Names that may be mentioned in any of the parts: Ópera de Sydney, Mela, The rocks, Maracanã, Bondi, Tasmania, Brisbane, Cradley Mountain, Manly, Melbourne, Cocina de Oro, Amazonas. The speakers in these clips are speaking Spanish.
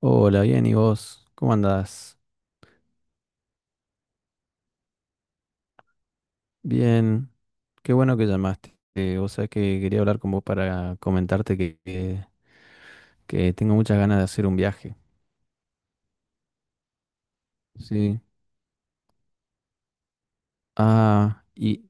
Hola, bien, ¿y vos? ¿Cómo andás? Bien, qué bueno que llamaste. Vos sabés que quería hablar con vos para comentarte que tengo muchas ganas de hacer un viaje. Sí. Ah, y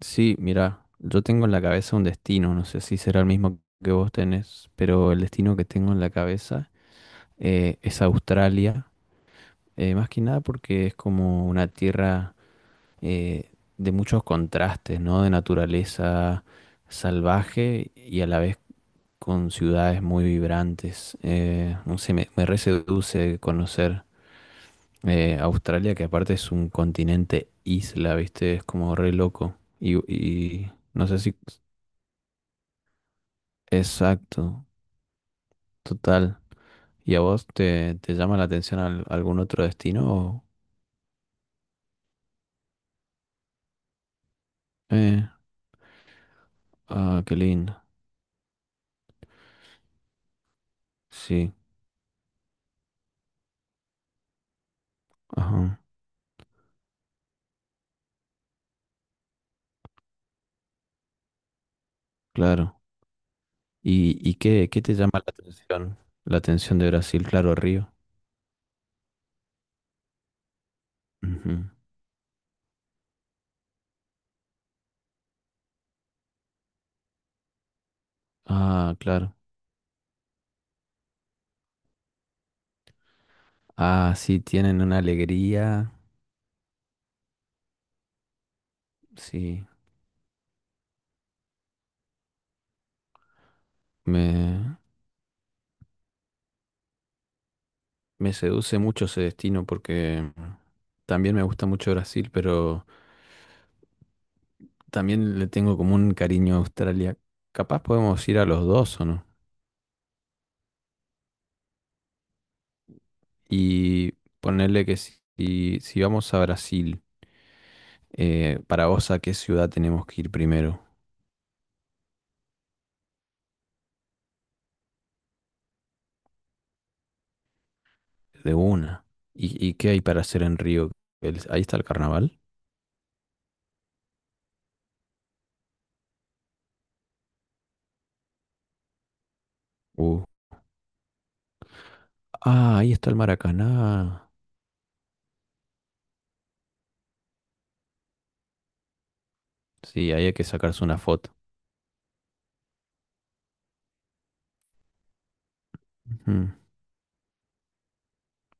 sí, mira, yo tengo en la cabeza un destino, no sé si será el mismo que vos tenés, pero el destino que tengo en la cabeza es Australia, más que nada porque es como una tierra eh, de muchos contrastes, ¿no? De naturaleza salvaje y a la vez con ciudades muy vibrantes. No sé, me re seduce conocer, Australia, que aparte es un continente isla, ¿viste? Es como re loco. Y no sé si... Exacto, total. ¿Y a vos te llama la atención algún otro destino? O- Eh, ah, qué lindo. Sí, ajá, claro. ¿Y qué te llama la atención? La atención de Brasil, claro, Río. Ujú. Ah, claro. Ah, sí, tienen una alegría. Sí, me, me seduce mucho ese destino porque también me gusta mucho Brasil, pero también le tengo como un cariño a Australia. Capaz podemos ir a los dos, ¿o no? Y ponerle que si vamos a Brasil, para vos, ¿a qué ciudad tenemos que ir primero? De una. ¿Y qué hay para hacer en Río? El- ahí está el carnaval. Uh. Ah, ahí está el Maracaná. Sí, ahí hay que sacarse una foto. Ujú.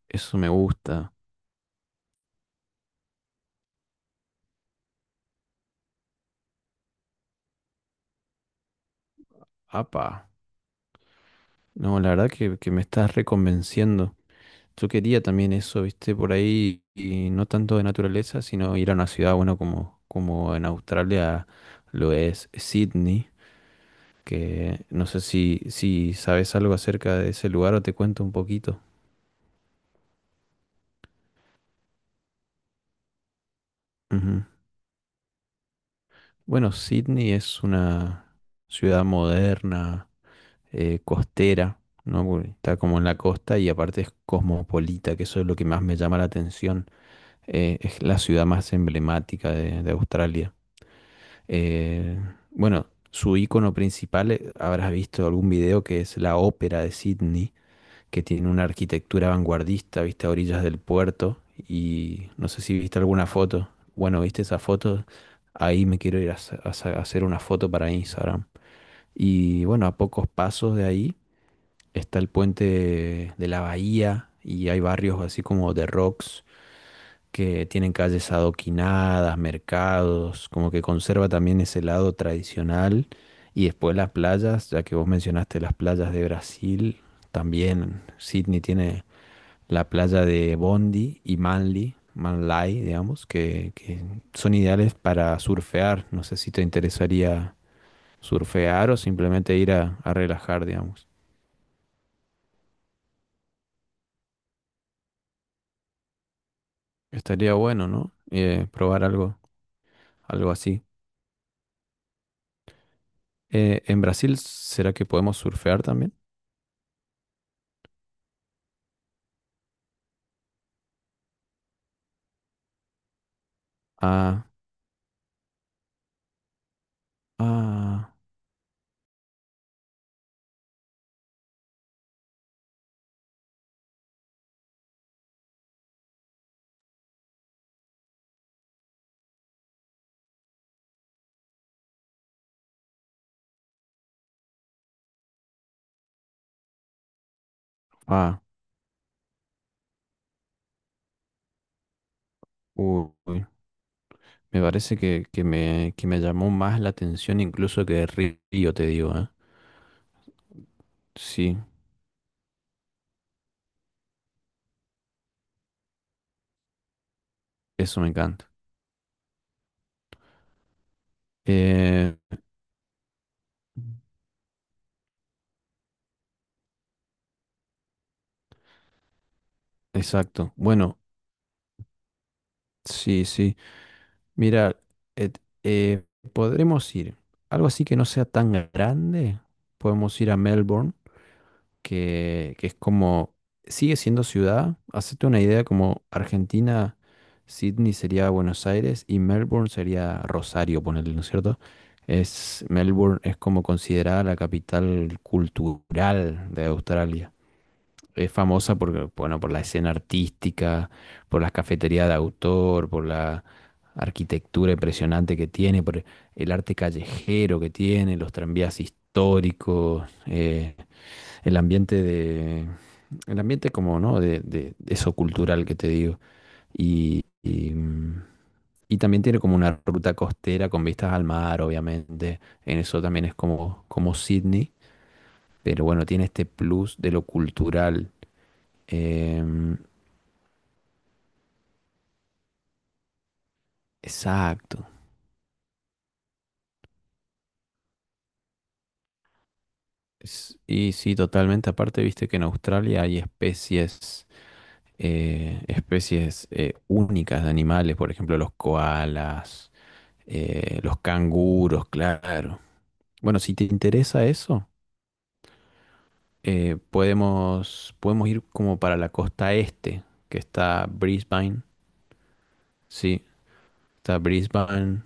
Eso me gusta. Apa. No, la verdad que me estás reconvenciendo. Yo quería también eso, viste, por ahí, y no tanto de naturaleza, sino ir a una ciudad, bueno, como en Australia lo es Sydney, que no sé si, si sabes algo acerca de ese lugar o te cuento un poquito. Ujú. Bueno, Sydney es una ciudad moderna, costera, ¿no? Porque está como en la costa y aparte es cosmopolita, que eso es lo que más me llama la atención, es la ciudad más emblemática de Australia. Eh, bueno, su icono principal, habrás visto algún video que es la Ópera de Sydney, que tiene una arquitectura vanguardista, viste, a orillas del puerto. Y no sé si viste alguna foto. Bueno, viste esa foto. Ahí me quiero ir a, a hacer una foto para Instagram. Y bueno, a pocos pasos de ahí está el puente de la bahía y hay barrios así como The Rocks, que tienen calles adoquinadas, mercados, como que conserva también ese lado tradicional. Y después las playas, ya que vos mencionaste las playas de Brasil, también Sydney tiene la playa de Bondi y Manly, Manly, digamos, que son ideales para surfear. No sé si te interesaría surfear o simplemente ir a relajar, digamos. Estaría bueno, ¿no? Probar algo, algo así. ¿En Brasil será que podemos surfear también? Ah. Ah, ah, uy, me parece que que me llamó más la atención incluso que Río, te digo, ¿eh? Sí, eso me encanta. Eh, exacto. Bueno, sí, sí. Mira, et- eh, podremos ir. Algo así que no sea tan grande. Podemos ir a Melbourne. Que es como, sigue siendo ciudad. Hacete una idea como Argentina, Sydney sería Buenos Aires y Melbourne sería Rosario, ponerle, ¿no es cierto? Es, Melbourne es como considerada la capital cultural de Australia. Es famosa por, bueno, por la escena artística, por las cafeterías de autor, por la arquitectura impresionante que tiene, por el arte callejero que tiene, los tranvías históricos. El ambiente de, el ambiente como, ¿no? De eso cultural que te digo. Y, y, mm, y también tiene como una ruta costera con vistas al mar, obviamente. En eso también es como, como Sydney, pero bueno, tiene este plus de lo cultural. Em, exacto. Y sí, totalmente. Aparte, viste que en Australia hay especies, especies únicas de animales, por ejemplo, los koalas, los canguros, claro. Bueno, si te interesa eso, podemos, podemos ir como para la costa este, que está Brisbane. Sí, está Brisbane.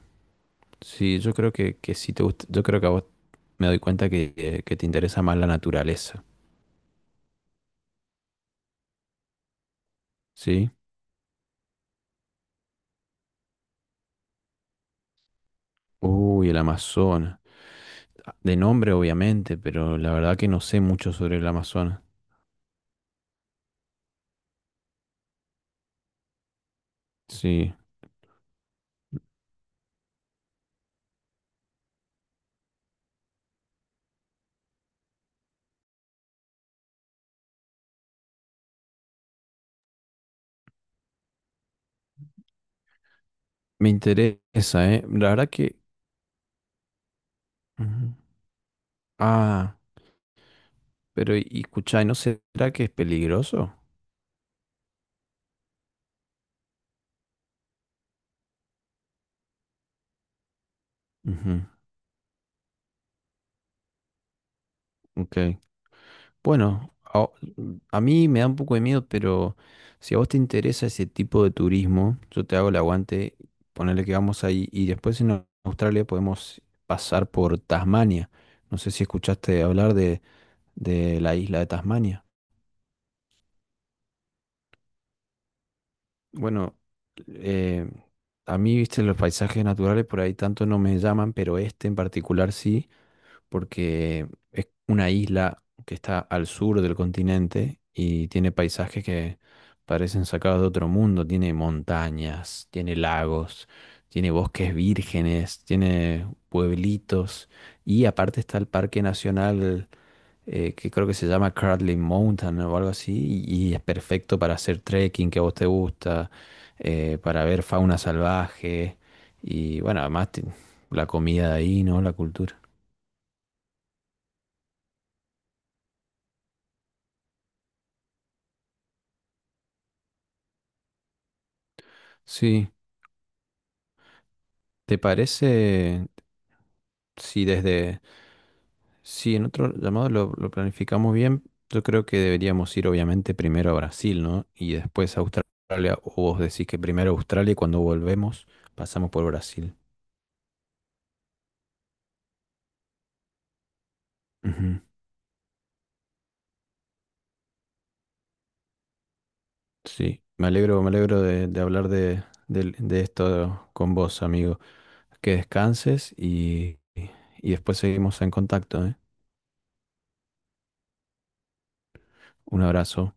Sí, yo creo que si te gusta, yo creo que a vos me doy cuenta que te interesa más la naturaleza. Sí. Uy, el Amazonas. De nombre, obviamente, pero la verdad que no sé mucho sobre el Amazonas. Sí. Me interesa, ¿eh? La verdad que... Ujú. Ah, pero y, escuchá, ¿y no será que es peligroso? Ujú, ok. Bueno, a mí me da un poco de miedo, pero si a vos te interesa ese tipo de turismo, yo te hago el aguante, ponerle que vamos ahí y después en Australia podemos pasar por Tasmania. No sé si escuchaste hablar de la isla de Tasmania. Bueno, eh, a mí, viste, los paisajes naturales por ahí tanto no me llaman, pero este en particular sí, porque es una isla que está al sur del continente y tiene paisajes que parecen sacados de otro mundo. Tiene montañas, tiene lagos, tiene bosques vírgenes, tiene pueblitos y aparte está el Parque Nacional que creo que se llama Cradley Mountain o algo así, y es perfecto para hacer trekking que a vos te gusta, para ver fauna salvaje y bueno, además ti- la comida de ahí, ¿no? La cultura. Sí, ¿te parece si desde, si en otro llamado lo planificamos bien? Yo creo que deberíamos ir obviamente primero a Brasil, ¿no? Y después a Australia, o vos decís que primero Australia y cuando volvemos pasamos por Brasil. Ujú. Sí, me alegro de hablar de, de esto con vos, amigo. Que descanses y después seguimos en contacto, ¿eh? Un abrazo.